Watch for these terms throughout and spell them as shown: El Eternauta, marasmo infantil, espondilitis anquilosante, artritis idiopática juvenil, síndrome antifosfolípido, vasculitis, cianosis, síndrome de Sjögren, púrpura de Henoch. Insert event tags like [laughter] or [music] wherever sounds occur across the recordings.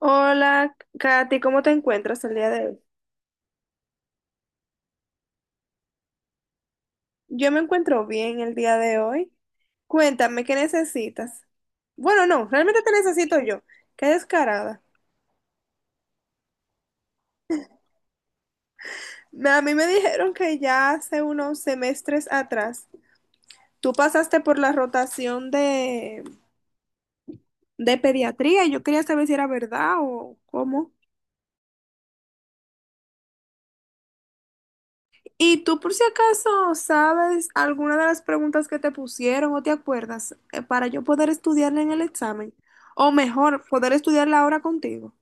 Hola, Katy, ¿cómo te encuentras el día de hoy? Yo me encuentro bien el día de hoy. Cuéntame, ¿qué necesitas? Bueno, no, realmente te necesito yo. Qué descarada. A mí me dijeron que ya hace unos semestres atrás tú pasaste por la rotación de pediatría y yo quería saber si era verdad o cómo. ¿Y tú por si acaso sabes alguna de las preguntas que te pusieron o te acuerdas para yo poder estudiarla en el examen? O mejor, poder estudiarla ahora contigo.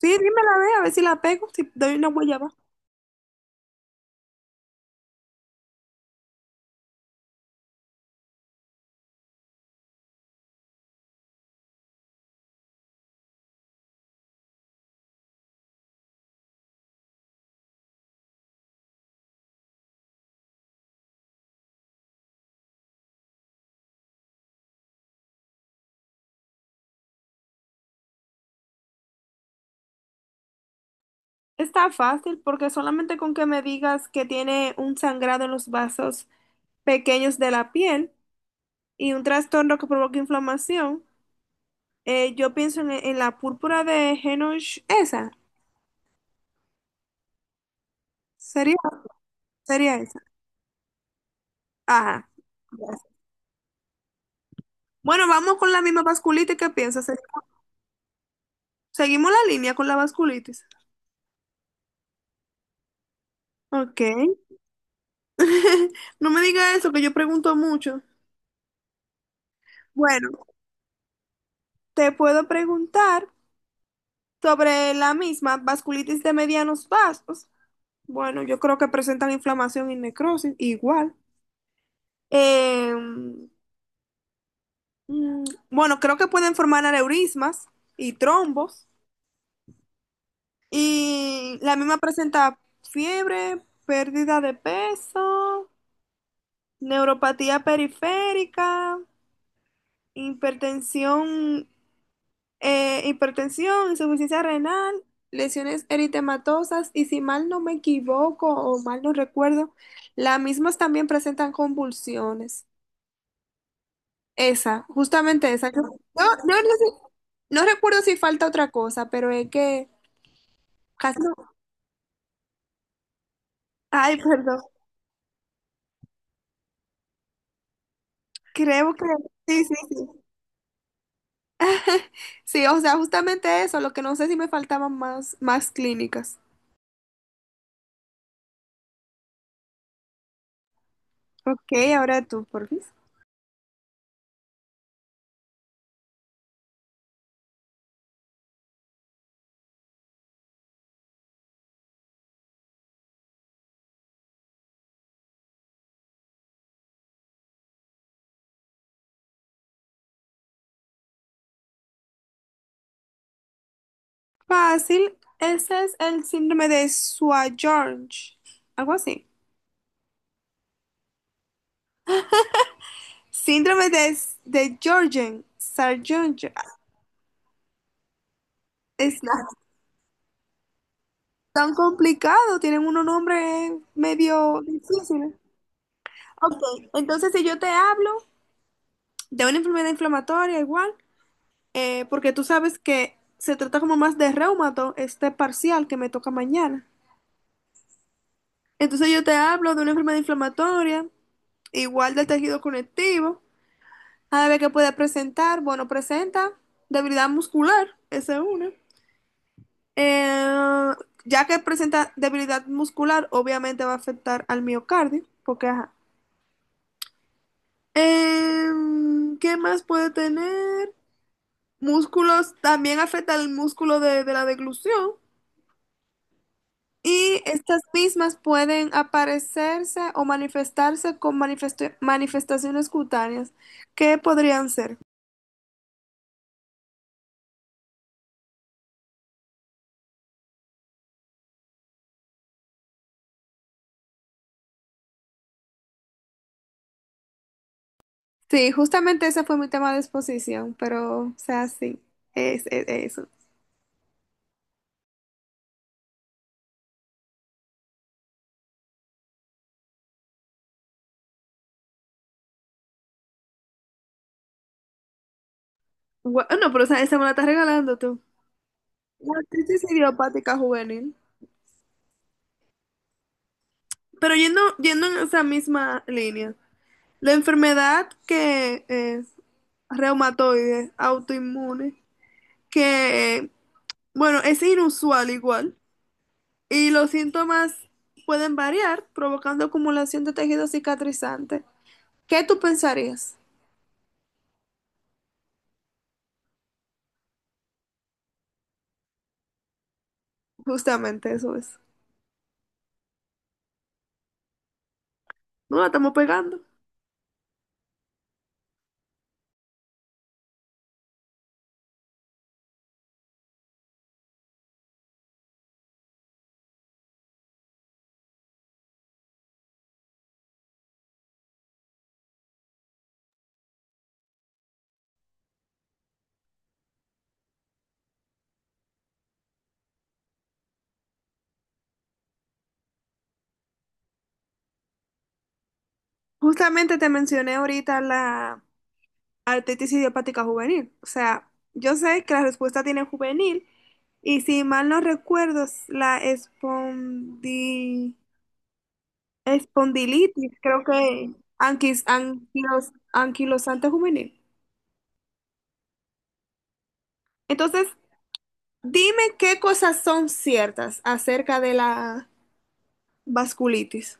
Sí, dímela, ve, a ver si la pego, si doy una guayaba. Está fácil porque solamente con que me digas que tiene un sangrado en los vasos pequeños de la piel y un trastorno que provoca inflamación, yo pienso en la púrpura de Henoch, esa. Sería, sería esa. Ajá. Bueno, vamos con la misma vasculitis. ¿Qué piensas? Seguimos la línea con la vasculitis. Ok. [laughs] No me diga eso, que yo pregunto mucho. Bueno, te puedo preguntar sobre la misma vasculitis de medianos vasos. Bueno, yo creo que presentan inflamación y necrosis, igual. Eh, mm, bueno, creo que pueden formar aneurismas y trombos. Y la misma presenta fiebre, pérdida de peso, neuropatía periférica, hipertensión, insuficiencia renal, lesiones eritematosas y si mal no me equivoco o mal no recuerdo, las mismas también presentan convulsiones. Esa, justamente esa. No recuerdo si falta otra cosa, pero es que casi no- ay, perdón. Creo que sí, sí, sí. Sí, o sea, justamente eso, lo que no sé si me faltaban más, más clínicas. Ok, ahora tú, por fin. Fácil, ese es el síndrome de Sjögren's, algo así. Síndrome de Jorgen, Sjögren's. Es no es tan complicado, tienen unos nombres medio difíciles. Ok, entonces si yo te hablo de una enfermedad inflamatoria igual, porque tú sabes que se trata como más de reumato, este parcial que me toca mañana. Entonces yo te hablo de una enfermedad inflamatoria, igual del tejido conectivo. A ver qué puede presentar. Bueno, presenta debilidad muscular, esa es una. Eh, ya que presenta debilidad muscular, obviamente va a afectar al miocardio, porque ajá. ¿Qué más puede tener? Músculos, también afecta al músculo de la deglución. Y estas mismas pueden aparecerse o manifestarse con manifestaciones cutáneas. ¿Qué podrían ser? Sí, justamente ese fue mi tema de exposición, pero, o sea, sí, es eso. No, pero o sea, esa me la estás regalando tú. La artritis idiopática juvenil. Pero yendo en esa misma línea, la enfermedad que es reumatoide, autoinmune, que, bueno, es inusual igual, y los síntomas pueden variar, provocando acumulación de tejido cicatrizante. ¿Qué tú pensarías? Justamente eso es. No la estamos pegando. Justamente te mencioné ahorita la artritis idiopática juvenil. O sea, yo sé que la respuesta tiene juvenil y si mal no recuerdo, es la espondilitis, creo que anquilosante juvenil. Entonces, dime qué cosas son ciertas acerca de la vasculitis.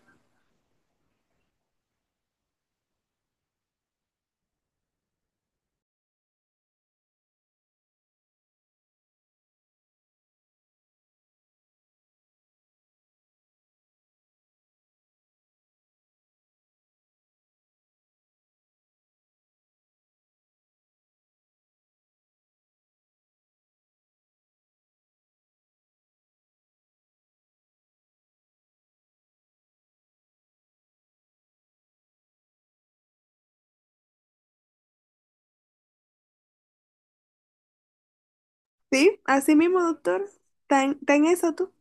¿Sí? Así mismo, doctor. Ten eso tú?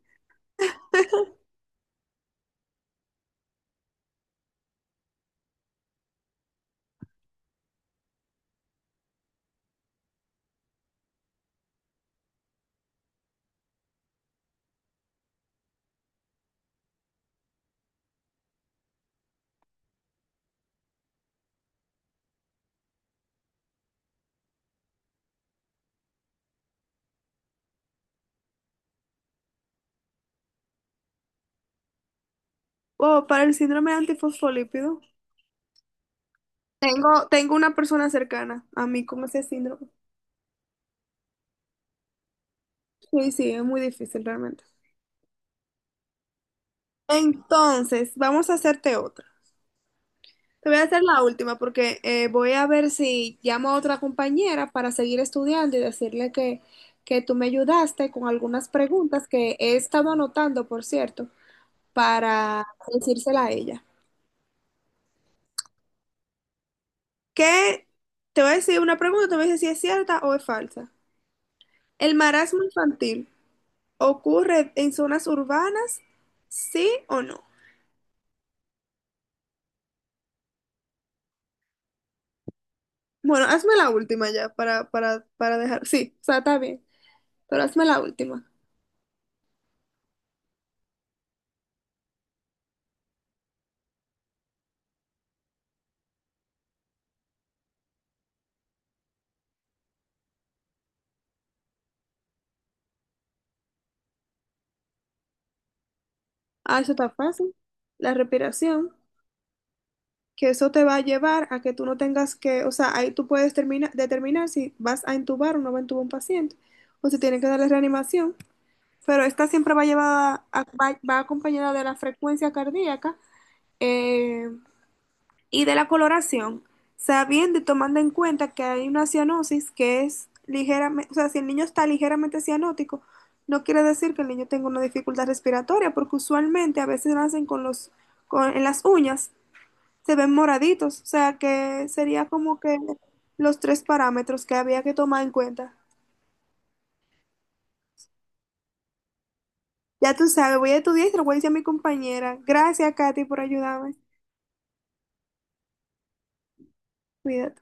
O para el síndrome antifosfolípido. Tengo una persona cercana a mí con ese síndrome. Sí, sí, es muy difícil realmente. Entonces, vamos a hacerte otra. Te voy a hacer la última porque voy a ver si llamo a otra compañera para seguir estudiando y decirle que tú me ayudaste con algunas preguntas que he estado anotando, por cierto, para decírsela a ella. ¿Qué? Te voy a decir una pregunta, te voy a decir si es cierta o es falsa. ¿El marasmo infantil ocurre en zonas urbanas, sí o no? Bueno, hazme la última ya para dejar. Sí, o sea, está bien, pero hazme la última. Ah, eso está fácil. La respiración, que eso te va a llevar a que tú no tengas que, o sea, ahí tú puedes determinar si vas a intubar o no va a intubar un paciente, o si tienen que darle reanimación, pero esta siempre va llevada, va acompañada de la frecuencia cardíaca, eh, y de la coloración, sabiendo y tomando en cuenta que hay una cianosis que es ligeramente, o sea, si el niño está ligeramente cianótico, no quiere decir que el niño tenga una dificultad respiratoria, porque usualmente a veces nacen con los, con, en las uñas, se ven moraditos, o sea, que sería como que los tres parámetros que había que tomar en cuenta. Ya tú sabes, voy a estudiar y se lo voy a decir a mi compañera. Gracias, Katy, por ayudarme. Cuídate.